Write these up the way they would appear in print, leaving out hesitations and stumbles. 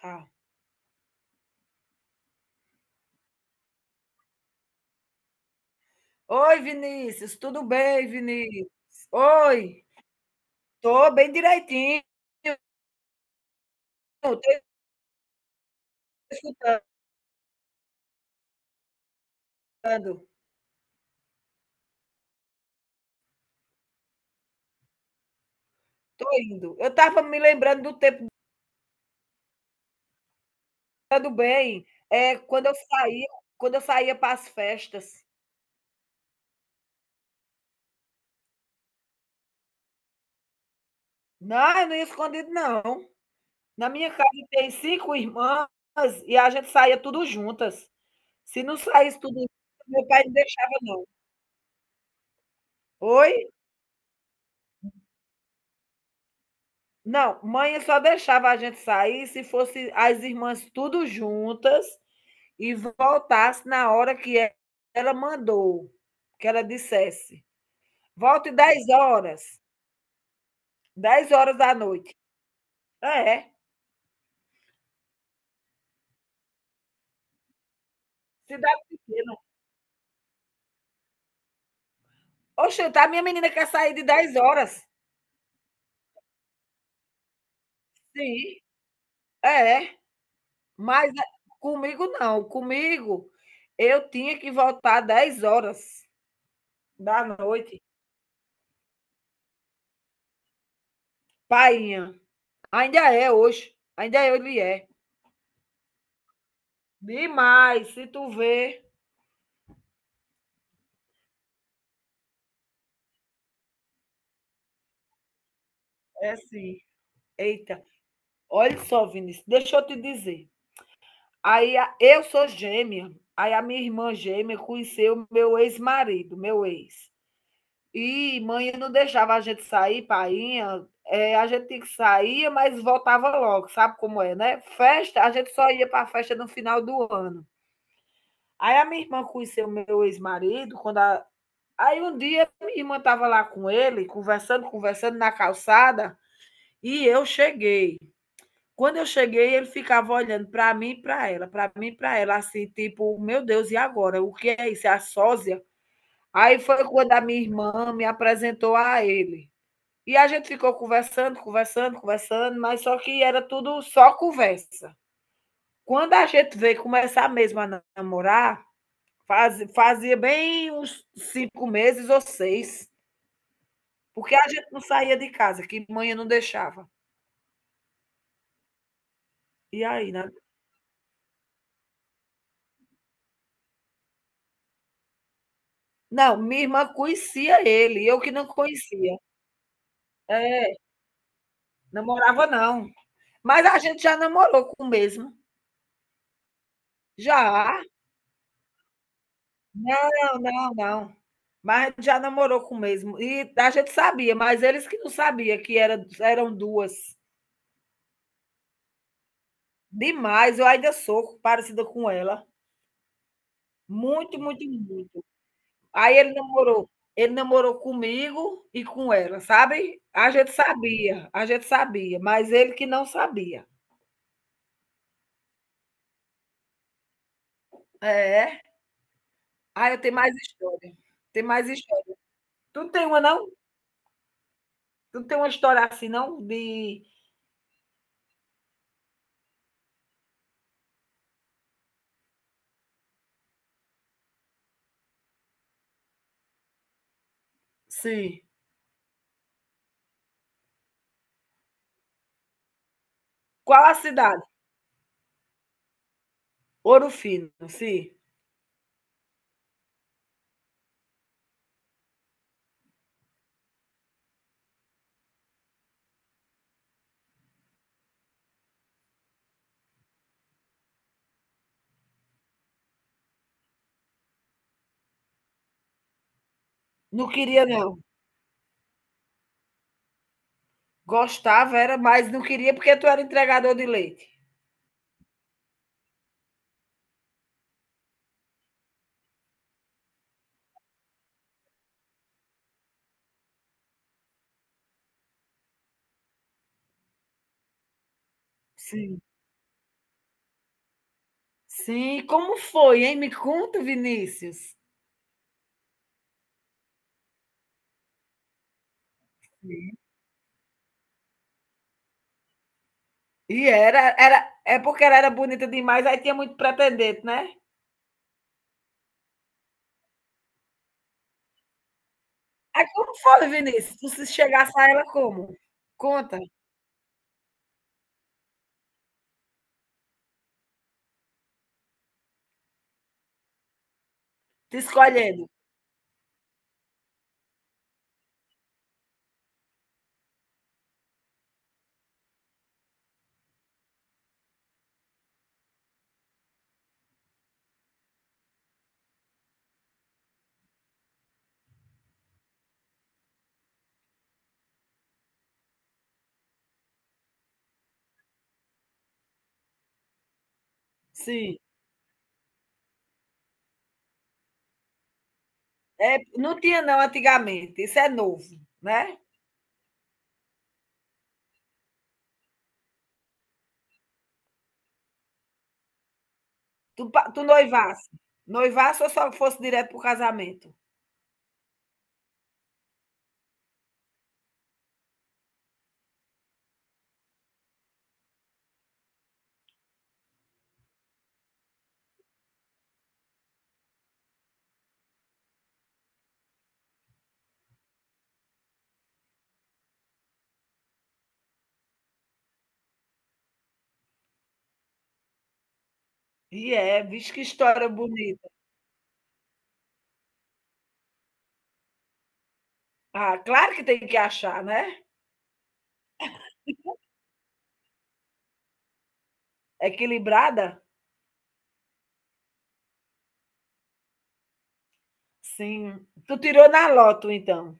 Tá. Oi, Vinícius, tudo bem, Vinícius? Oi, tô bem direitinho, tô escutando, tô indo. Eu tava me lembrando do tempo do bem, é quando eu saía para as festas. Não, eu não ia escondido não. Na minha casa tem 5 irmãs e a gente saía tudo juntas. Se não saísse tudo junto, meu pai não deixava não. Oi? Não, mãe só deixava a gente sair se fosse as irmãs tudo juntas e voltasse na hora que ela mandou, que ela dissesse. Volte 10 horas, 10 horas da noite. É, cidade pequena. Oxe, tá, minha menina quer sair de 10 horas. Sim, é, é. Mas é, comigo não, comigo eu tinha que voltar 10 horas da noite. Painha, ainda é hoje, ainda é, ele é. Demais, se tu vê, é sim. Eita, olha só, Vinícius, deixa eu te dizer. Aí eu sou gêmea. Aí a minha irmã gêmea conheceu meu ex-marido, meu ex. E mãe não deixava a gente sair, painha. A gente tinha que sair, mas voltava logo, sabe como é, né? Festa, a gente só ia para a festa no final do ano. Aí a minha irmã conheceu meu ex-marido, aí um dia minha irmã estava lá com ele, conversando, conversando na calçada, e eu cheguei. Quando eu cheguei, ele ficava olhando para mim e para ela, para mim e para ela, assim, tipo, meu Deus, e agora? O que é isso? É a sósia? Aí foi quando a minha irmã me apresentou a ele. E a gente ficou conversando, conversando, conversando, mas só que era tudo só conversa. Quando a gente veio começar mesmo a namorar, fazia bem uns 5 meses ou 6, porque a gente não saía de casa, que mãe não deixava. E aí, né? Não, minha irmã conhecia ele, eu que não conhecia. É, namorava não. Mas a gente já namorou com o mesmo. Já. Não, não, não. Mas já namorou com o mesmo. E a gente sabia, mas eles que não sabiam que era, eram duas. Demais, eu ainda sou parecida com ela. Muito, muito, muito. Aí ele namorou. Ele namorou comigo e com ela, sabe? A gente sabia, mas ele que não sabia. É. Ah, eu tenho mais história. Tem mais história. Tu não tem uma, não? Tu não tem uma história assim, não? De. Sim. Qual a cidade? Ouro Fino, sim. Não queria, não. Gostava, era, mas não queria porque tu era entregador de leite. Sim. Sim, como foi, hein? Me conta, Vinícius. Sim. E era, era, é porque ela era bonita demais, aí tinha muito pretendente, né? Aí como foi, Vinícius? Tu se chegasse a ela como? Conta. Te escolhendo. Sim. É, não tinha, não, antigamente. Isso é novo, né? Tu, tu noivasse. Noivasse ou só fosse direto pro casamento? E é, vixe, que história bonita. Ah, claro que tem que achar, né? Equilibrada? Sim. Tu tirou na loto, então.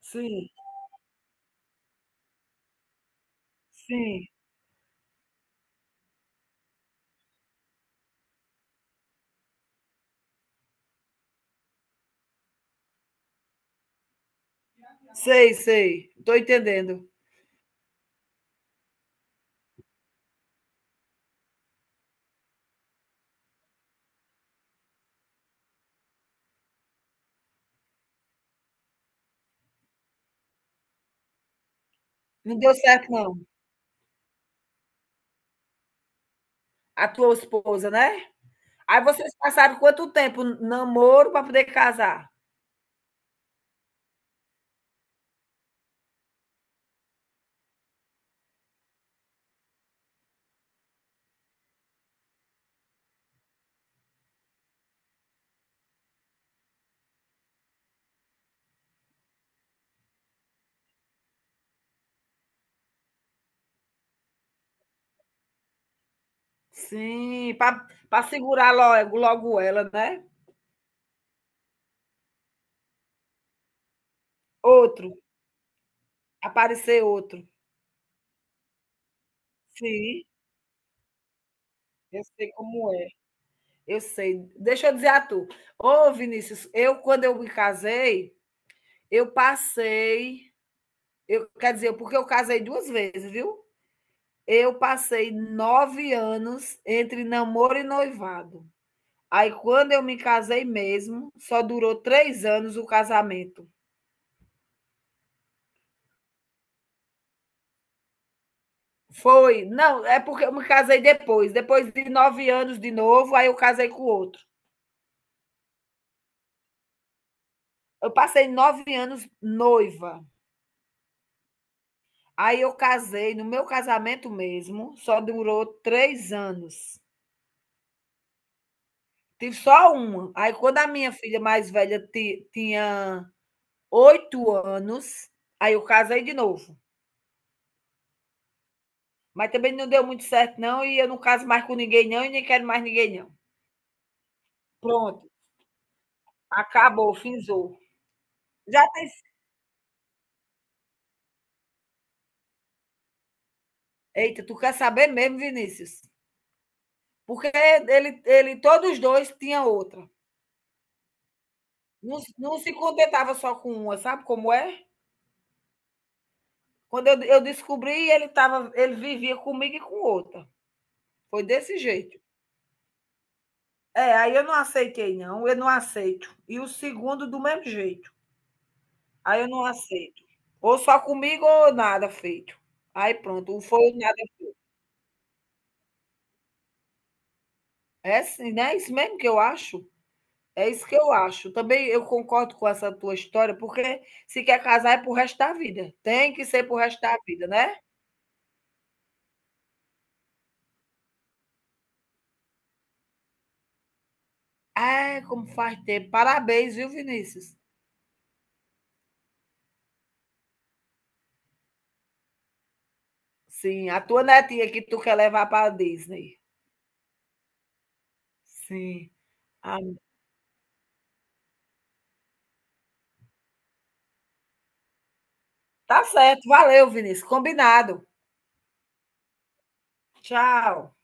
Sim, sim. Sei, sei. Tô entendendo. Não deu certo, não. A tua esposa, né? Aí vocês passaram quanto tempo namoro para poder casar? Sim, para segurar logo logo ela, né. Outro, aparecer outro. Sim, eu sei como é, eu sei. Deixa eu dizer a tu, ô Vinícius, eu quando eu me casei, eu passei eu quer dizer, porque eu casei 2 vezes, viu. Eu passei 9 anos entre namoro e noivado. Aí quando eu me casei mesmo, só durou 3 anos o casamento. Foi, não, é porque eu me casei depois, depois de 9 anos de novo, aí eu casei com outro. Eu passei nove anos noiva, aí eu casei no meu casamento mesmo, só durou 3 anos. Tive só uma. Aí quando a minha filha mais velha tinha 8 anos, aí eu casei de novo. Mas também não deu muito certo, não, e eu não caso mais com ninguém, não, e nem quero mais ninguém, não. Pronto, acabou, finzou. Já tem. Eita, tu quer saber mesmo, Vinícius? Porque ele, todos os dois tinham outra. Não, não se contentava só com uma, sabe como é? Quando eu descobri, ele vivia comigo e com outra. Foi desse jeito. É, aí eu não aceitei, não. Eu não aceito. E o segundo, do mesmo jeito. Aí eu não aceito. Ou só comigo ou nada feito. Aí pronto, não foi nada. É assim, né? É isso mesmo que eu acho. É isso que eu acho. Também eu concordo com essa tua história, porque se quer casar é pro resto da vida. Tem que ser pro resto da vida, né? É, como faz tempo. Parabéns, viu, Vinícius? Sim, a tua netinha que tu quer levar para Disney. Sim. Ah, tá certo. Valeu, Vinícius. Combinado. Tchau.